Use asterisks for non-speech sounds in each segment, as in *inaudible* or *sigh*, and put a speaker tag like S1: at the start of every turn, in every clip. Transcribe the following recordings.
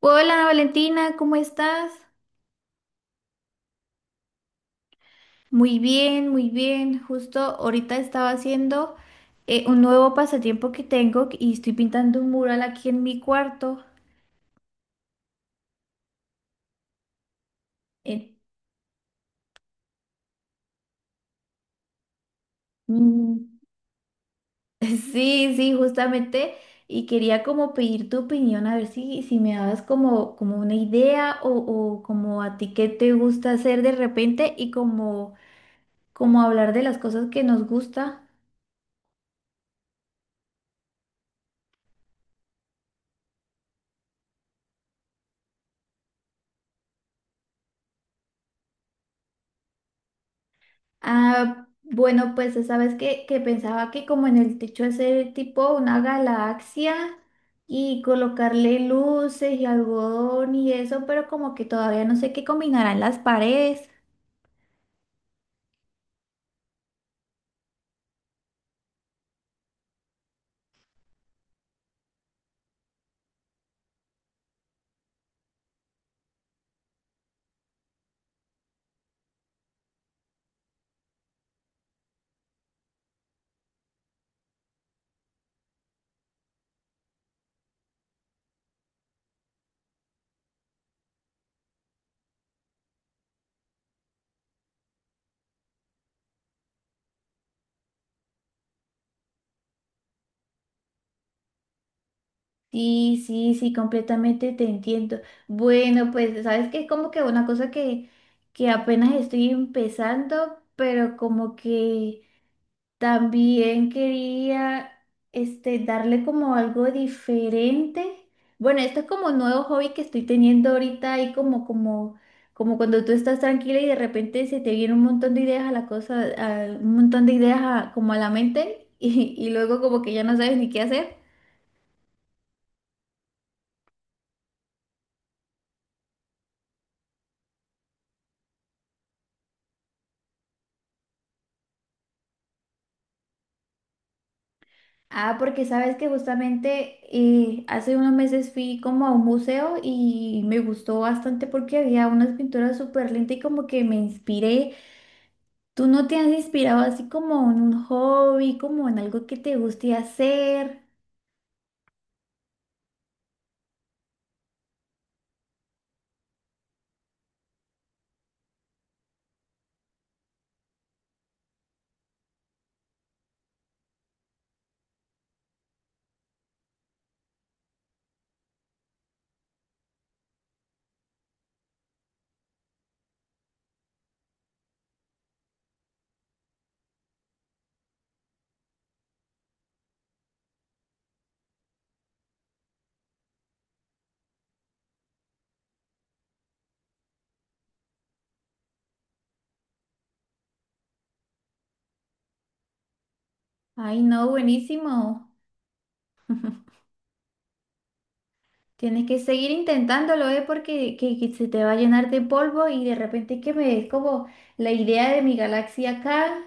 S1: Hola Valentina, ¿cómo estás? Muy bien, muy bien. Justo ahorita estaba haciendo un nuevo pasatiempo que tengo y estoy pintando un mural aquí en mi cuarto. Eh, mm, *laughs* sí, sí, justamente. Y quería como pedir tu opinión, a ver si me dabas como, como una idea o como a ti qué te gusta hacer de repente y como, como hablar de las cosas que nos gusta. Ah, bueno, pues sabes que pensaba que como en el techo hacer tipo una galaxia y colocarle luces y algodón y eso, pero como que todavía no sé qué combinarán las paredes. Sí, sí, sí, completamente te entiendo. Bueno, pues sabes que es como que una cosa que apenas estoy empezando, pero como que también quería este, darle como algo diferente. Bueno, esto es como un nuevo hobby que estoy teniendo ahorita y como cuando tú estás tranquila y de repente se te viene un montón de ideas a la cosa, un montón de ideas como a la mente *laughs* y luego como que ya no sabes ni qué hacer. Ah, porque sabes que justamente hace unos meses fui como a un museo y me gustó bastante porque había unas pinturas súper lindas y como que me inspiré. ¿Tú no te has inspirado así como en un hobby, como en algo que te guste hacer? Ay, no, buenísimo. Tienes que seguir intentándolo, ¿eh? Porque que se te va a llenar de polvo y de repente que me des como la idea de mi galaxia acá.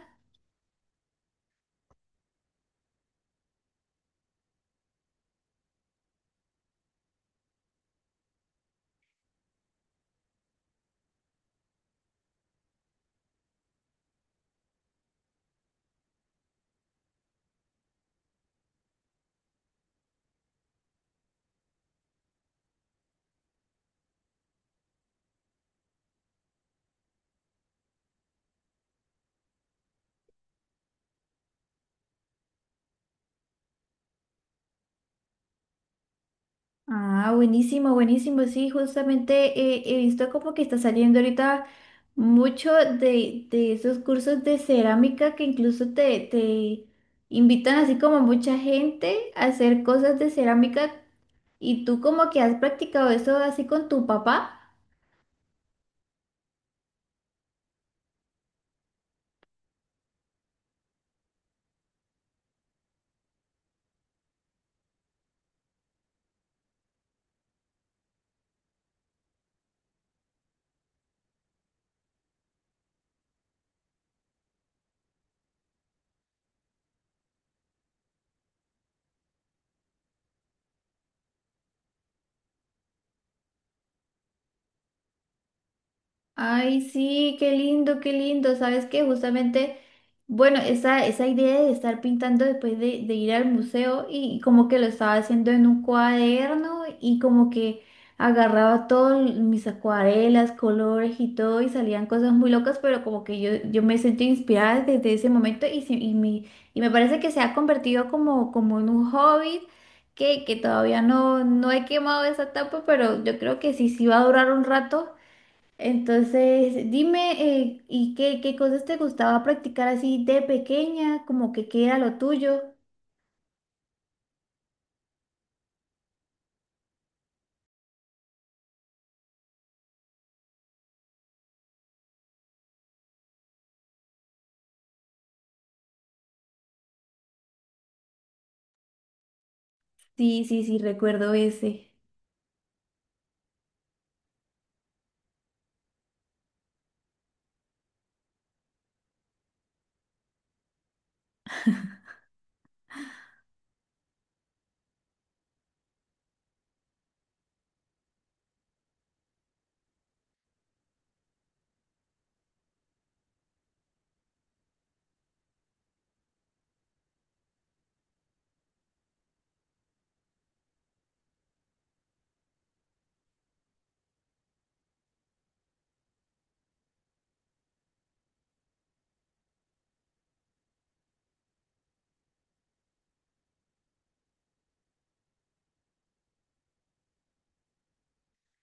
S1: Ah, buenísimo, buenísimo. Sí, justamente he visto como que está saliendo ahorita mucho de esos cursos de cerámica que incluso te invitan así como mucha gente a hacer cosas de cerámica. ¿Y tú como que has practicado eso así con tu papá? Ay, sí, qué lindo, qué lindo. ¿Sabes qué? Justamente, bueno, esa idea de estar pintando después de ir al museo y como que lo estaba haciendo en un cuaderno y como que agarraba todas mis acuarelas, colores y todo y salían cosas muy locas, pero como que yo me sentí inspirada desde ese momento y me y me parece que se ha convertido como, como en un hobby. Que todavía no he quemado esa etapa, pero yo creo que sí, sí va a durar un rato entonces, dime, ¿y qué, qué cosas te gustaba practicar así de pequeña? Como que qué era lo tuyo. Sí, sí, sí, recuerdo ese.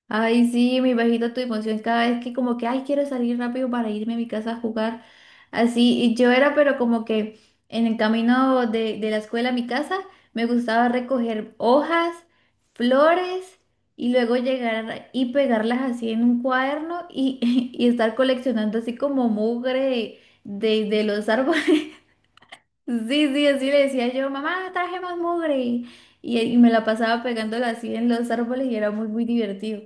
S1: Ay, sí, me imagino tu emoción cada vez que como que, ay, quiero salir rápido para irme a mi casa a jugar. Así, y yo era, pero como que en el camino de la escuela a mi casa, me gustaba recoger hojas, flores, y luego llegar y pegarlas así en un cuaderno y, *laughs* y estar coleccionando así como mugre de los árboles. *laughs* Sí, sí, así le decía yo, mamá, traje más mugre. Y me la pasaba pegándola así en los árboles y era muy, muy divertido.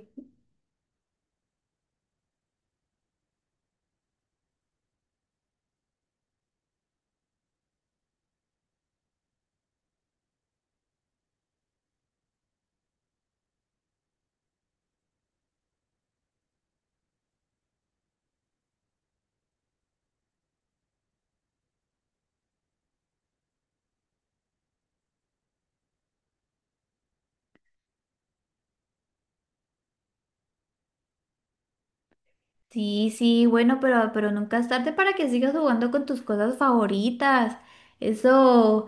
S1: Sí, sí, bueno, pero nunca es tarde para que sigas jugando con tus cosas favoritas. Eso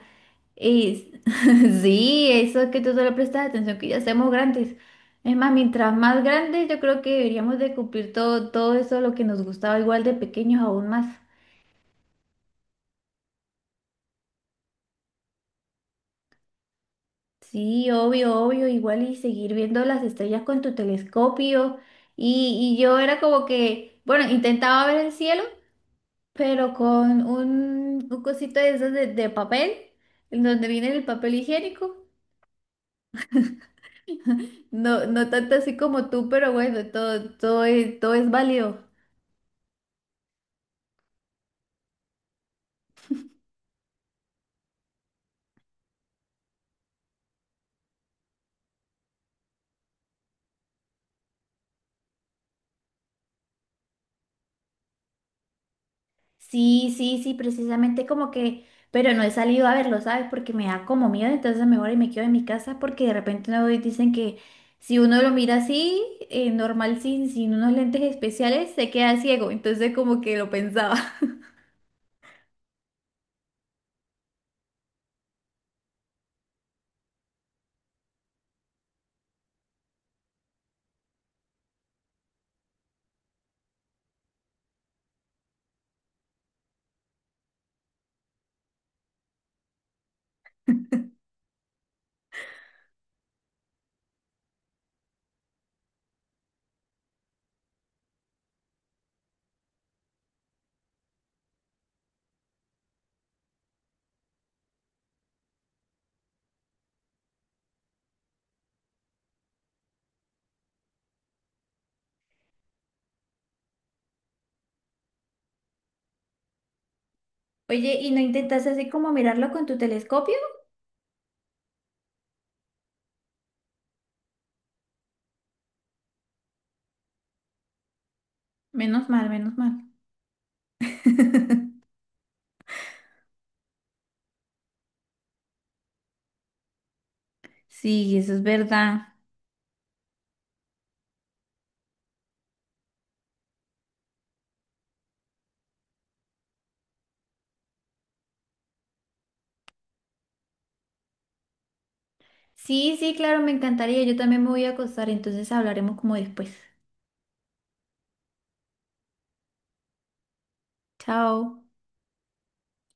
S1: es, *laughs* sí, eso es que tú solo prestas atención que ya seamos grandes. Es más, mientras más grandes, yo creo que deberíamos de cumplir todo, todo eso, lo que nos gustaba igual de pequeños aún más. Sí, obvio, obvio, igual y seguir viendo las estrellas con tu telescopio. Y yo era como que, bueno, intentaba ver el cielo, pero con un cosito de esas de papel, en donde viene el papel higiénico. *laughs* No, no tanto así como tú, pero bueno, todo es válido. Sí, sí, sí, precisamente como que, pero no he salido a verlo, ¿sabes? Porque me da como miedo, entonces mejor y me quedo en mi casa porque de repente no dicen que si uno lo mira así, normal, sin unos lentes especiales, se queda ciego, entonces como que lo pensaba. *laughs* Oye, ¿y no intentas así como mirarlo con tu telescopio? Menos mal, menos mal. *laughs* Sí, eso es verdad. Sí, sí, claro, me encantaría. Yo también me voy a acostar, entonces hablaremos como después. Chao.